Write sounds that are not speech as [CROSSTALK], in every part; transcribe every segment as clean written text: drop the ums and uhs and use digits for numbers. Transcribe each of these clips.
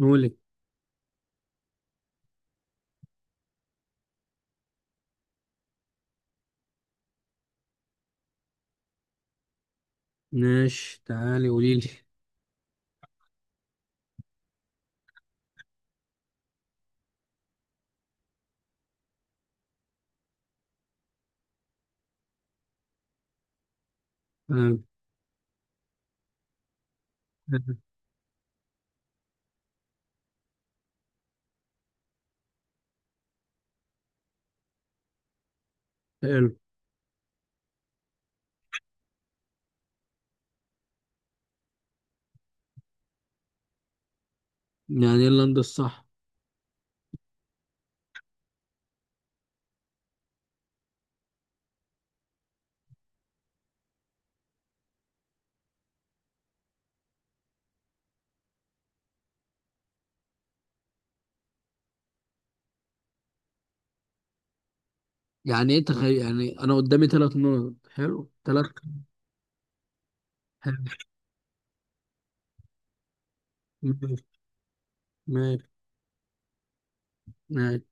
قولي. ماشي، تعالي قوليلي. آه، حلو. يعني ايه اللمضة الصح؟ يعني ايه تخيل؟ يعني انا قدامي ثلاث نقط. حلو، ثلاث. حلو. ماشي. ماشي. ماشي.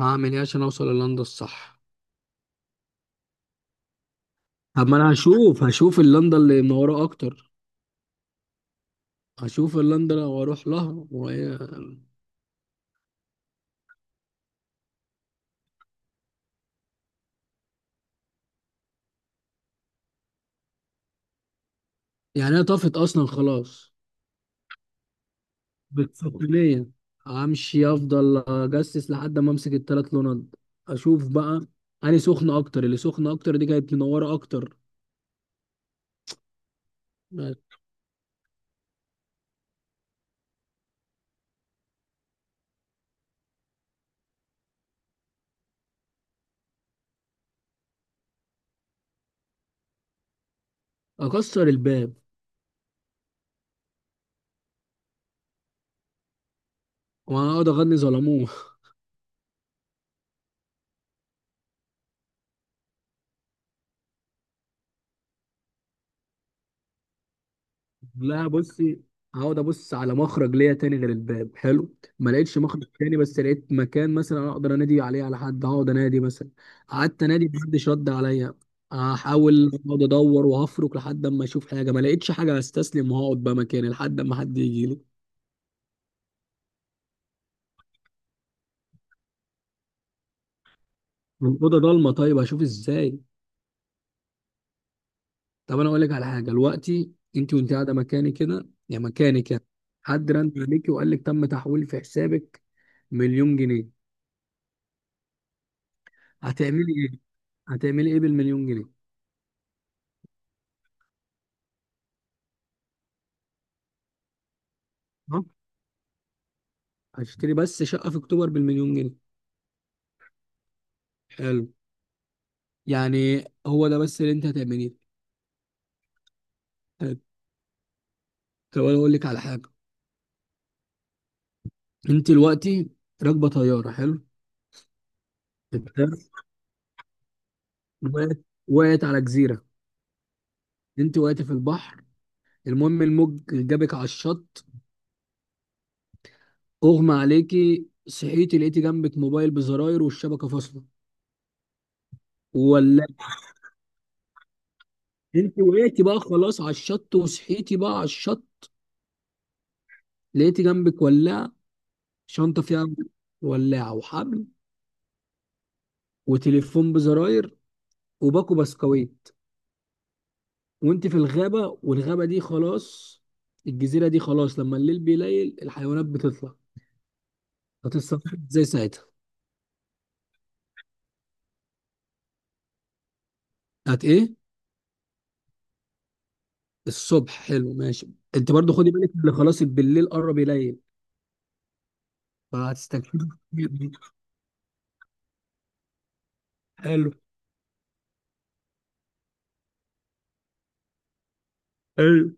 هعمل ايه عشان اوصل للندة الصح؟ طب ما انا هشوف اللندة اللي منورة اكتر. هشوف اللندة لو اروح لها وهي. يعني هي طافت اصلا خلاص. بالصقلية. امشي افضل اجسس لحد ما امسك الثلاث لونات. اشوف بقى اني سخنة اكتر. اللي سخنة اكتر دي كانت منورة اكتر. اكسر الباب واقعد اغني ظلموه [LAUGHS] لا بصي، هقعد ابص على مخرج ليا تاني غير الباب. حلو، ما لقيتش مخرج تاني بس لقيت مكان مثلا اقدر انادي عليه على حد، هقعد انادي مثلا. قعدت انادي محدش رد عليا. هحاول اقعد ادور وهفرك لحد اما اشوف حاجه. ما لقيتش حاجه هستسلم وهقعد بقى مكاني لحد اما حد يجي لي. من اوضه ضلمه طيب اشوف ازاي؟ طب انا اقول لك على حاجه. دلوقتي انت وانت قاعده مكاني كده يا مكاني كده، حد رن عليكي وقال لك تم تحويل في حسابك مليون جنيه. هتعملي ايه؟ هتعملي ايه بالمليون جنيه؟ ها. هشتري بس شقه في اكتوبر بالمليون جنيه؟ حلو. يعني هو ده بس اللي انت هتعمليه؟ حلو. طب انا اقول لك على حاجه. انت دلوقتي راكبه طياره، حلو. الطيارة وقعت. وقعت على جزيره. انت وقعت في البحر. المهم الموج جابك على الشط. اغمى عليكي صحيتي لقيتي جنبك موبايل بزراير والشبكه فاصله، ولا. انت وقعتي بقى خلاص على الشط وصحيتي بقى على الشط. لقيتي جنبك ولاعه، شنطه فيها ولاعه وحبل وتليفون بزراير وباكو بسكويت. وانت في الغابه، والغابه دي خلاص، الجزيره دي خلاص لما الليل بيليل الحيوانات بتطلع. هتتصرفي ازاي ساعتها؟ ايه؟ الصبح، حلو، ماشي. انت برضو خدي بالك اللي خلاص بالليل قرب يليل، فهتستكشفي. [LAUGHS] حلو. حلو.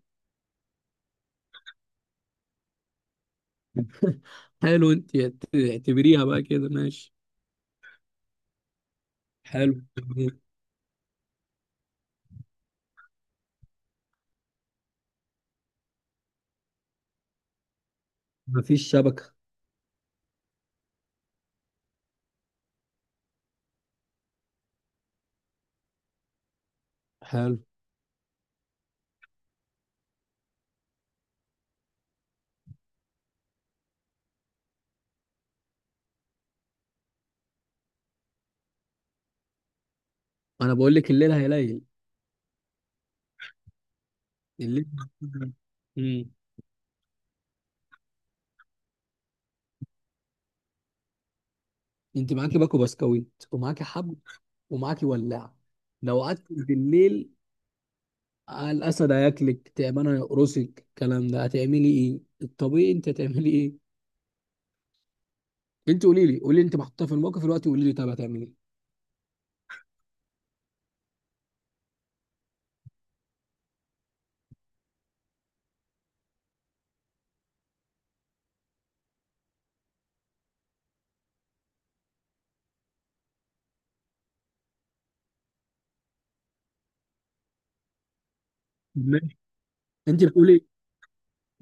حلو انت. اعتبريها بقى كده ماشي. حلو. مفيش شبكة. حلو. انا بقول لك الليل هيليل. الليل. امم انت معاكي باكو بسكويت ومعاكي حبل ومعاكي ولاعة. لو قعدت بالليل الاسد هياكلك، تعبانه يقرصك، الكلام ده هتعملي ايه؟ الطبيعي انت هتعملي ايه؟ انت قولي لي، قولي لي، انت محطوطه في الموقف دلوقتي، قولي لي، طب هتعملي ايه؟ ماشي. انت بتقولي،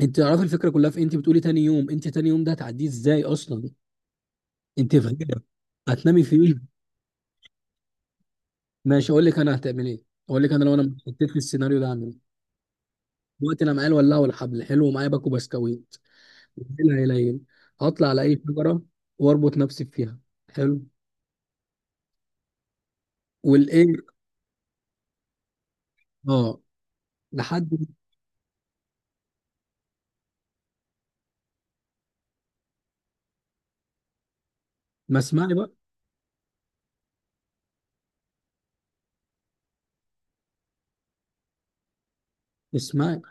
انت تعرفي الفكره كلها في إيه؟ انت بتقولي تاني يوم. انت تاني يوم ده هتعديه ازاي اصلا؟ انت فاكره؟ هتنامي فين؟ ماشي اقول لك انا هتعمل ايه. اقول لك انا لو انا اتحطيت في السيناريو ده هعمل ايه. دلوقتي انا معايا الولاعه والحبل، حلو، ومعايا باكو بسكويت. العيله هيلين، هطلع على اي شجره واربط نفسي فيها. حلو، والايه. اه. لحد. ما اسمعي بقى. اسمعي.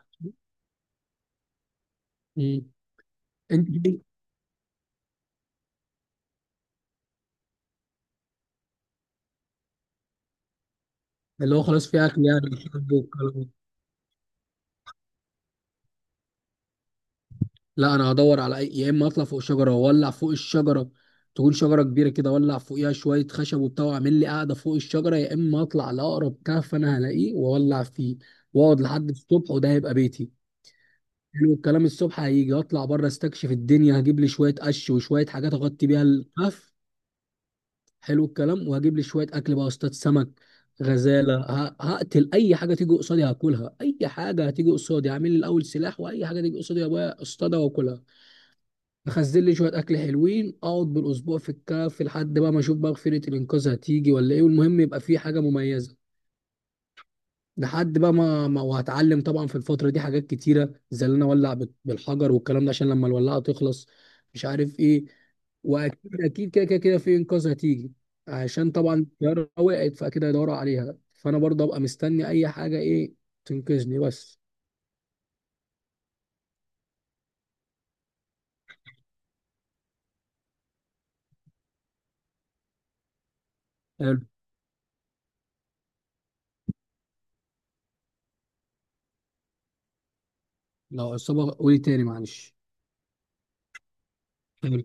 مم. انت اللي هو خلاص في اكل يعني وشرب والكلام. لا انا هدور على اي. يا اما اطلع فوق شجره واولع فوق الشجره. تكون شجره كبيره كده، اولع فوقيها شويه خشب وبتاع واعمل لي قاعده فوق الشجره. يا اما اطلع لاقرب كهف انا هلاقيه واولع فيه واقعد لحد الصبح، وده هيبقى بيتي. حلو الكلام. الصبح هيجي اطلع بره استكشف الدنيا، هجيب لي شويه قش وشويه حاجات اغطي بيها الكهف. حلو الكلام. وهجيب لي شويه اكل بقى، استاذ سمك، غزاله. هقتل اي حاجه تيجي قصادي هاكلها. اي حاجه هتيجي قصادي هعمل لي الاول سلاح، واي حاجه تيجي قصادي يا ابويا اصطادها واكلها. اخزن لي شويه اكل حلوين، اقعد بالاسبوع في الكهف لحد بقى ما اشوف بقى فرقه الانقاذ هتيجي ولا ايه. والمهم يبقى في حاجه مميزه لحد بقى ما وهتعلم طبعا في الفتره دي حاجات كتيره زي ان انا اولع بالحجر والكلام ده عشان لما الولاعه تخلص، مش عارف ايه. واكيد اكيد كده كده كده في انقاذ هتيجي عشان طبعا الطياره وقعت فاكيد هيدوروا عليها. فانا برضه ابقى مستني اي حاجه ايه تنقذني بس. حلو. لو عصابه قولي تاني معلش. حلو.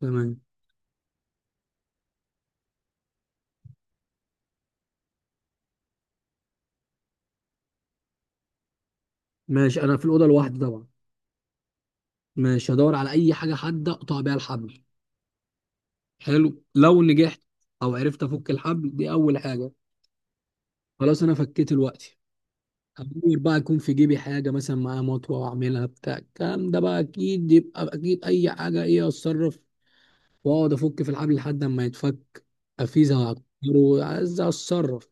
تمام ماشي. انا في الاوضه لوحدي طبعا. ماشي هدور على اي حاجه حاده اقطع بيها الحبل. حلو لو نجحت او عرفت افك الحبل، دي اول حاجه. خلاص انا فكيت دلوقتي. هدور بقى يكون في جيبي حاجه مثلا معايا مطوه واعملها بتاع، الكلام ده بقى اكيد يبقى اكيد اي حاجه ايه اتصرف واقعد افك في الحبل لحد اما يتفك. افيزه واعكره عايز اتصرف.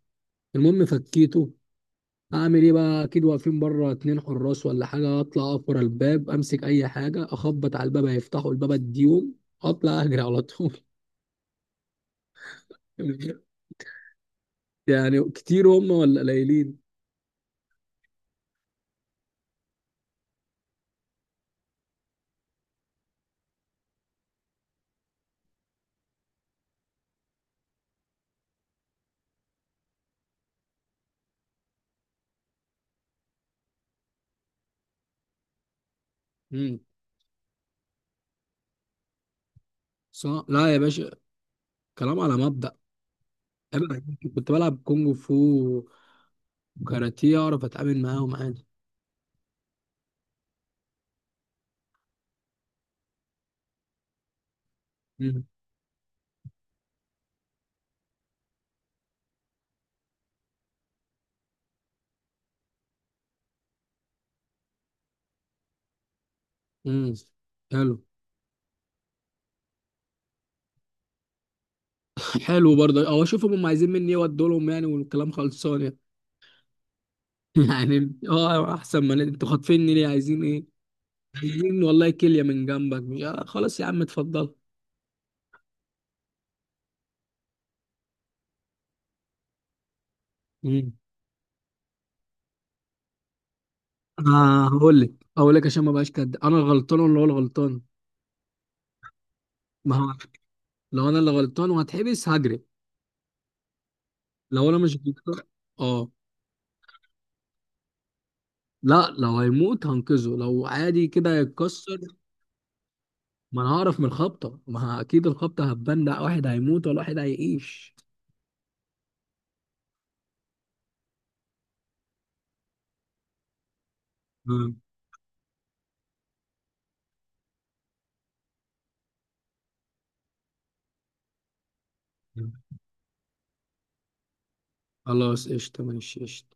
المهم فكيته. اعمل ايه بقى؟ اكيد واقفين بره اتنين حراس ولا حاجه. اطلع اقف ورا الباب، امسك اي حاجه اخبط على الباب، هيفتحوا الباب اديهم، اطلع اجري على طول. يعني كتير هم ولا قليلين؟ امم. صح. لا يا باشا، كلام على مبدأ. أنا كنت بلعب كونج فو وكاراتيه، اعرف اتعامل معاهم عادي. مم. امم. حلو. حلو برضه. او اشوفهم هم عايزين مني ايه وادوا لهم، يعني والكلام خلصان يعني. [LAUGHS] يعني اه احسن، ما انتوا خاطفيني ليه؟ عايزين ايه؟ عايزين والله كليه من جنبك؟ مش خلاص يا عم اتفضل. امم هقول لك. هقول لك عشان ما بقاش كده انا غلطان ولا هو اللي غلطان. ما هو لو انا اللي غلطان وهتحبس هجري. لو انا مش الدكتور، اه. لا لو هيموت هنقذه، لو عادي كده هيتكسر. ما انا هعرف من الخبطه، ما اكيد الخبطه هتبان ده واحد هيموت ولا واحد هيعيش. مم. خلاص قشطه ماشي قشطه.